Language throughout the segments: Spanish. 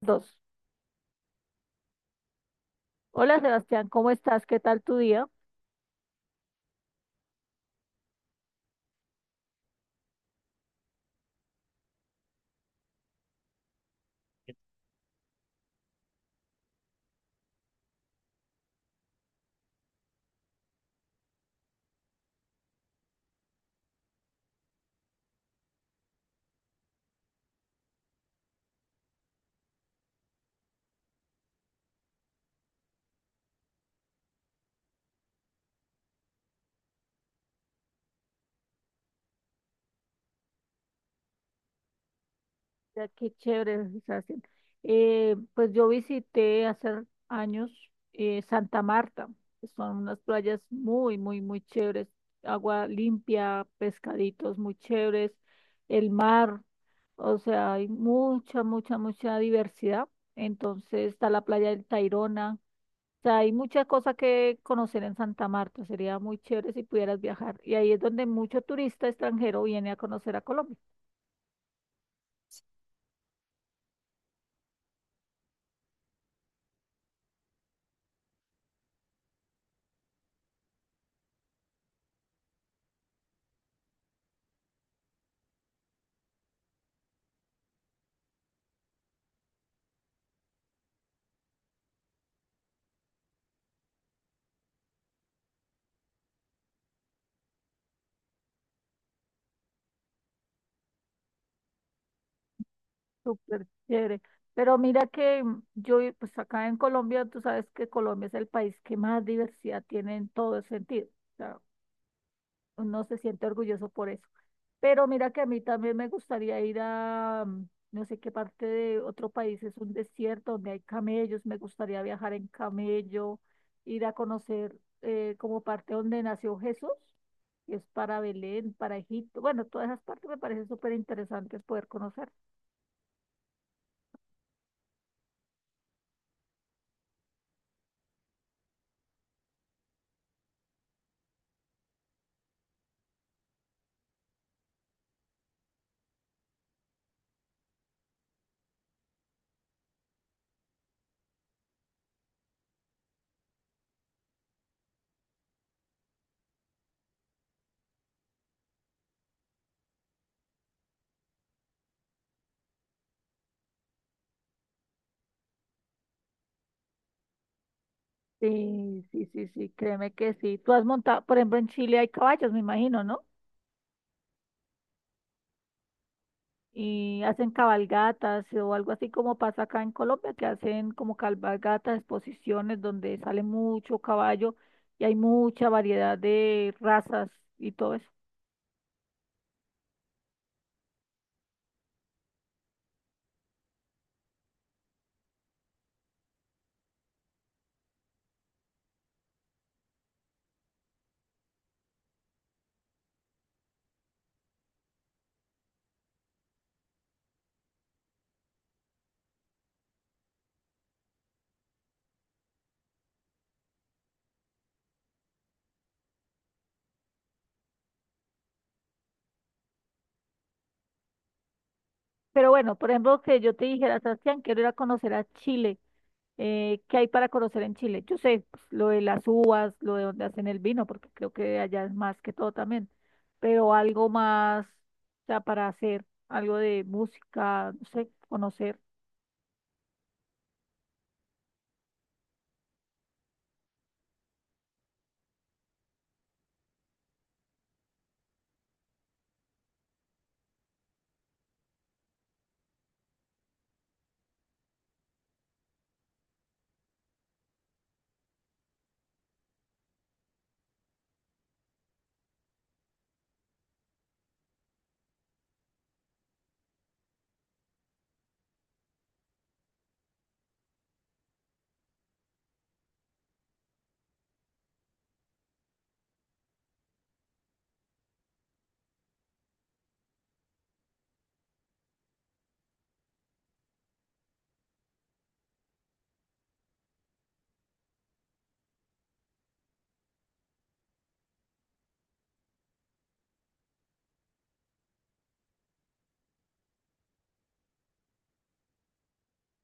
Dos. Hola, Sebastián, ¿cómo estás? ¿Qué tal tu día? Ya, qué chévere, Sebastián. Pues yo visité hace años Santa Marta. Son unas playas muy chéveres. Agua limpia, pescaditos muy chéveres, el mar. O sea, hay mucha diversidad. Entonces está la playa del Tayrona, sea, hay muchas cosas que conocer en Santa Marta. Sería muy chévere si pudieras viajar. Y ahí es donde mucho turista extranjero viene a conocer a Colombia. Súper chévere. Pero mira que pues acá en Colombia, tú sabes que Colombia es el país que más diversidad tiene en todo sentido. No se siente orgulloso por eso. Pero mira que a mí también me gustaría ir a no sé qué parte de otro país, es un desierto donde hay camellos, me gustaría viajar en camello, ir a conocer como parte donde nació Jesús, que es para Belén, para Egipto. Bueno, todas esas partes me parecen súper interesantes poder conocer. Sí, sí, sí, sí, créeme que sí. Tú has montado, por ejemplo, en Chile hay caballos, me imagino, ¿no? Y hacen cabalgatas, o algo así como pasa acá en Colombia, que hacen como cabalgatas, exposiciones donde sale mucho caballo y hay mucha variedad de razas y todo eso. Pero bueno, por ejemplo, que yo te dijera: Sebastián, quiero ir a conocer a Chile. ¿Qué hay para conocer en Chile? Yo sé, pues, lo de las uvas, lo de donde hacen el vino, porque creo que allá es más que todo también, pero algo más, o sea, para hacer algo de música, no sé, conocer.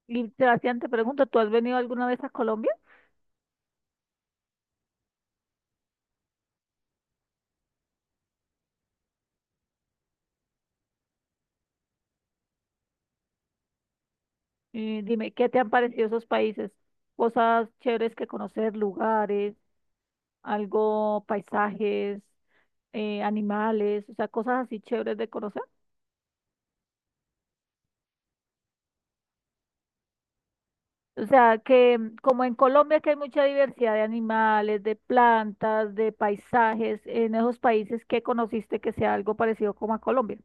Y Sebastián, te pregunto, ¿tú has venido alguna vez a Colombia? Y dime, ¿qué te han parecido esos países? Cosas chéveres que conocer, lugares, algo, paisajes, animales, o sea, cosas así chéveres de conocer. O sea, que mm, como en Colombia que hay mucha diversidad de animales, de plantas, de paisajes, en esos países, ¿qué conociste que sea algo parecido como a Colombia?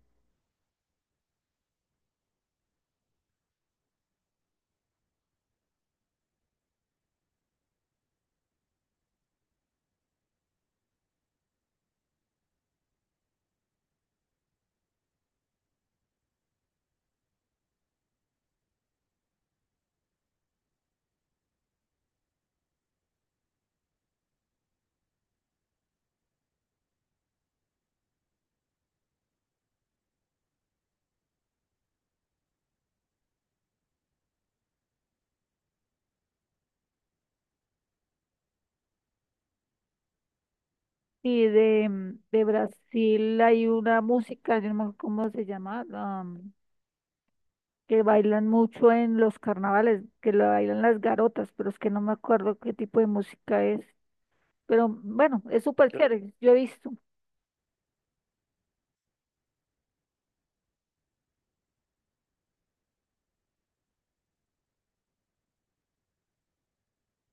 Y de, mm, de Brasil hay una música, yo no me acuerdo cómo se llama, ah, que bailan mucho en los carnavales, que la bailan las garotas, pero es que no me acuerdo qué tipo de música es. Pero bueno, es súper Yo- chévere, yo he visto.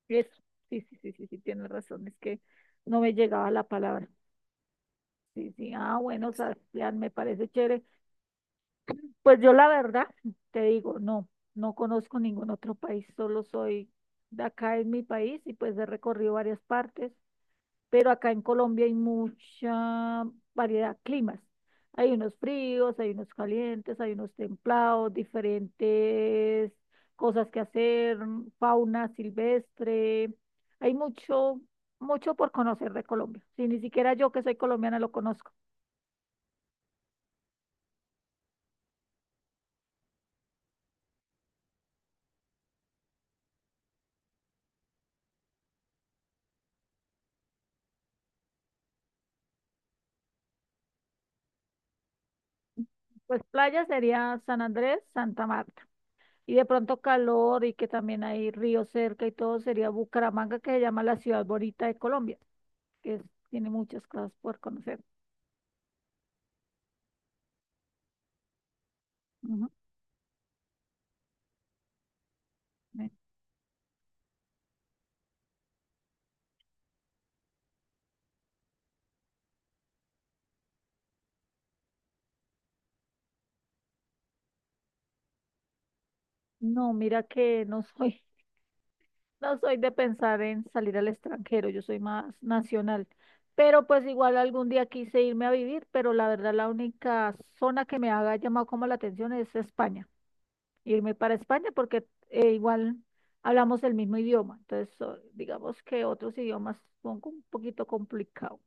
Eso, sí, sí, sí, sí, sí, tienes razón, es que no me llegaba la palabra. Sí, sí, ah, bueno, Sebastián, me parece chévere. Pues yo la verdad, te digo, no, no conozco ningún otro país, solo soy de acá en mi país y pues he recorrido varias partes. Pero acá en Colombia hay mucha variedad de climas. Hay unos fríos, hay unos calientes, hay unos templados, diferentes cosas que hacer, fauna silvestre. Hay mucho por conocer de Colombia. Si ni siquiera yo que soy colombiana lo conozco. Pues playa sería San Andrés, Santa Marta. Y de pronto calor y que también hay río cerca y todo sería Bucaramanga, que se llama la ciudad bonita de Colombia, que es- tiene muchas cosas por conocer. Ujú. No, mira que no soy, no soy de pensar en salir al extranjero, yo soy más nacional. Pero pues igual algún día quise irme a vivir, pero la verdad la única zona que me haga llamado como la atención es España. Irme para España porque igual hablamos el mismo idioma. Entonces, so- digamos que otros idiomas son como un poquito complicados.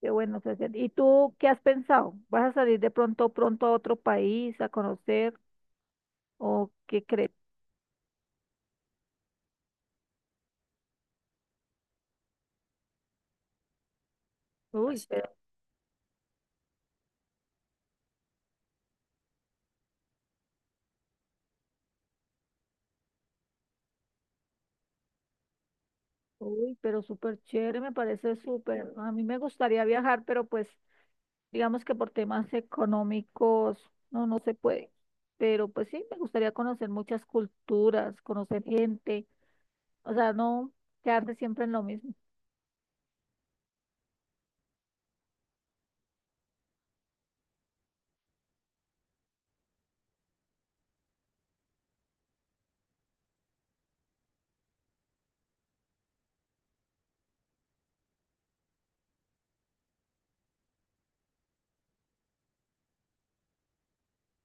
Pero bueno, Sebastián, ¿y tú qué has pensado? ¿Vas a salir de pronto pronto a otro país a conocer o qué crees? Uy. Uy, pero súper chévere, me parece súper. A mí me gustaría viajar, pero pues digamos que por temas económicos no, no se puede. Pero pues sí, me gustaría conocer muchas culturas, conocer gente, o sea, no quedarse siempre en lo mismo.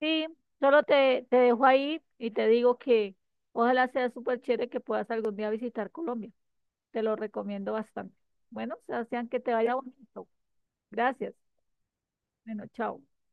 Sí, solo te, te dejo ahí y te digo que ojalá sea súper chévere que puedas algún día visitar Colombia. Te lo recomiendo bastante. Bueno, Sebastián, que te vaya bonito. Gracias. Bueno, chao.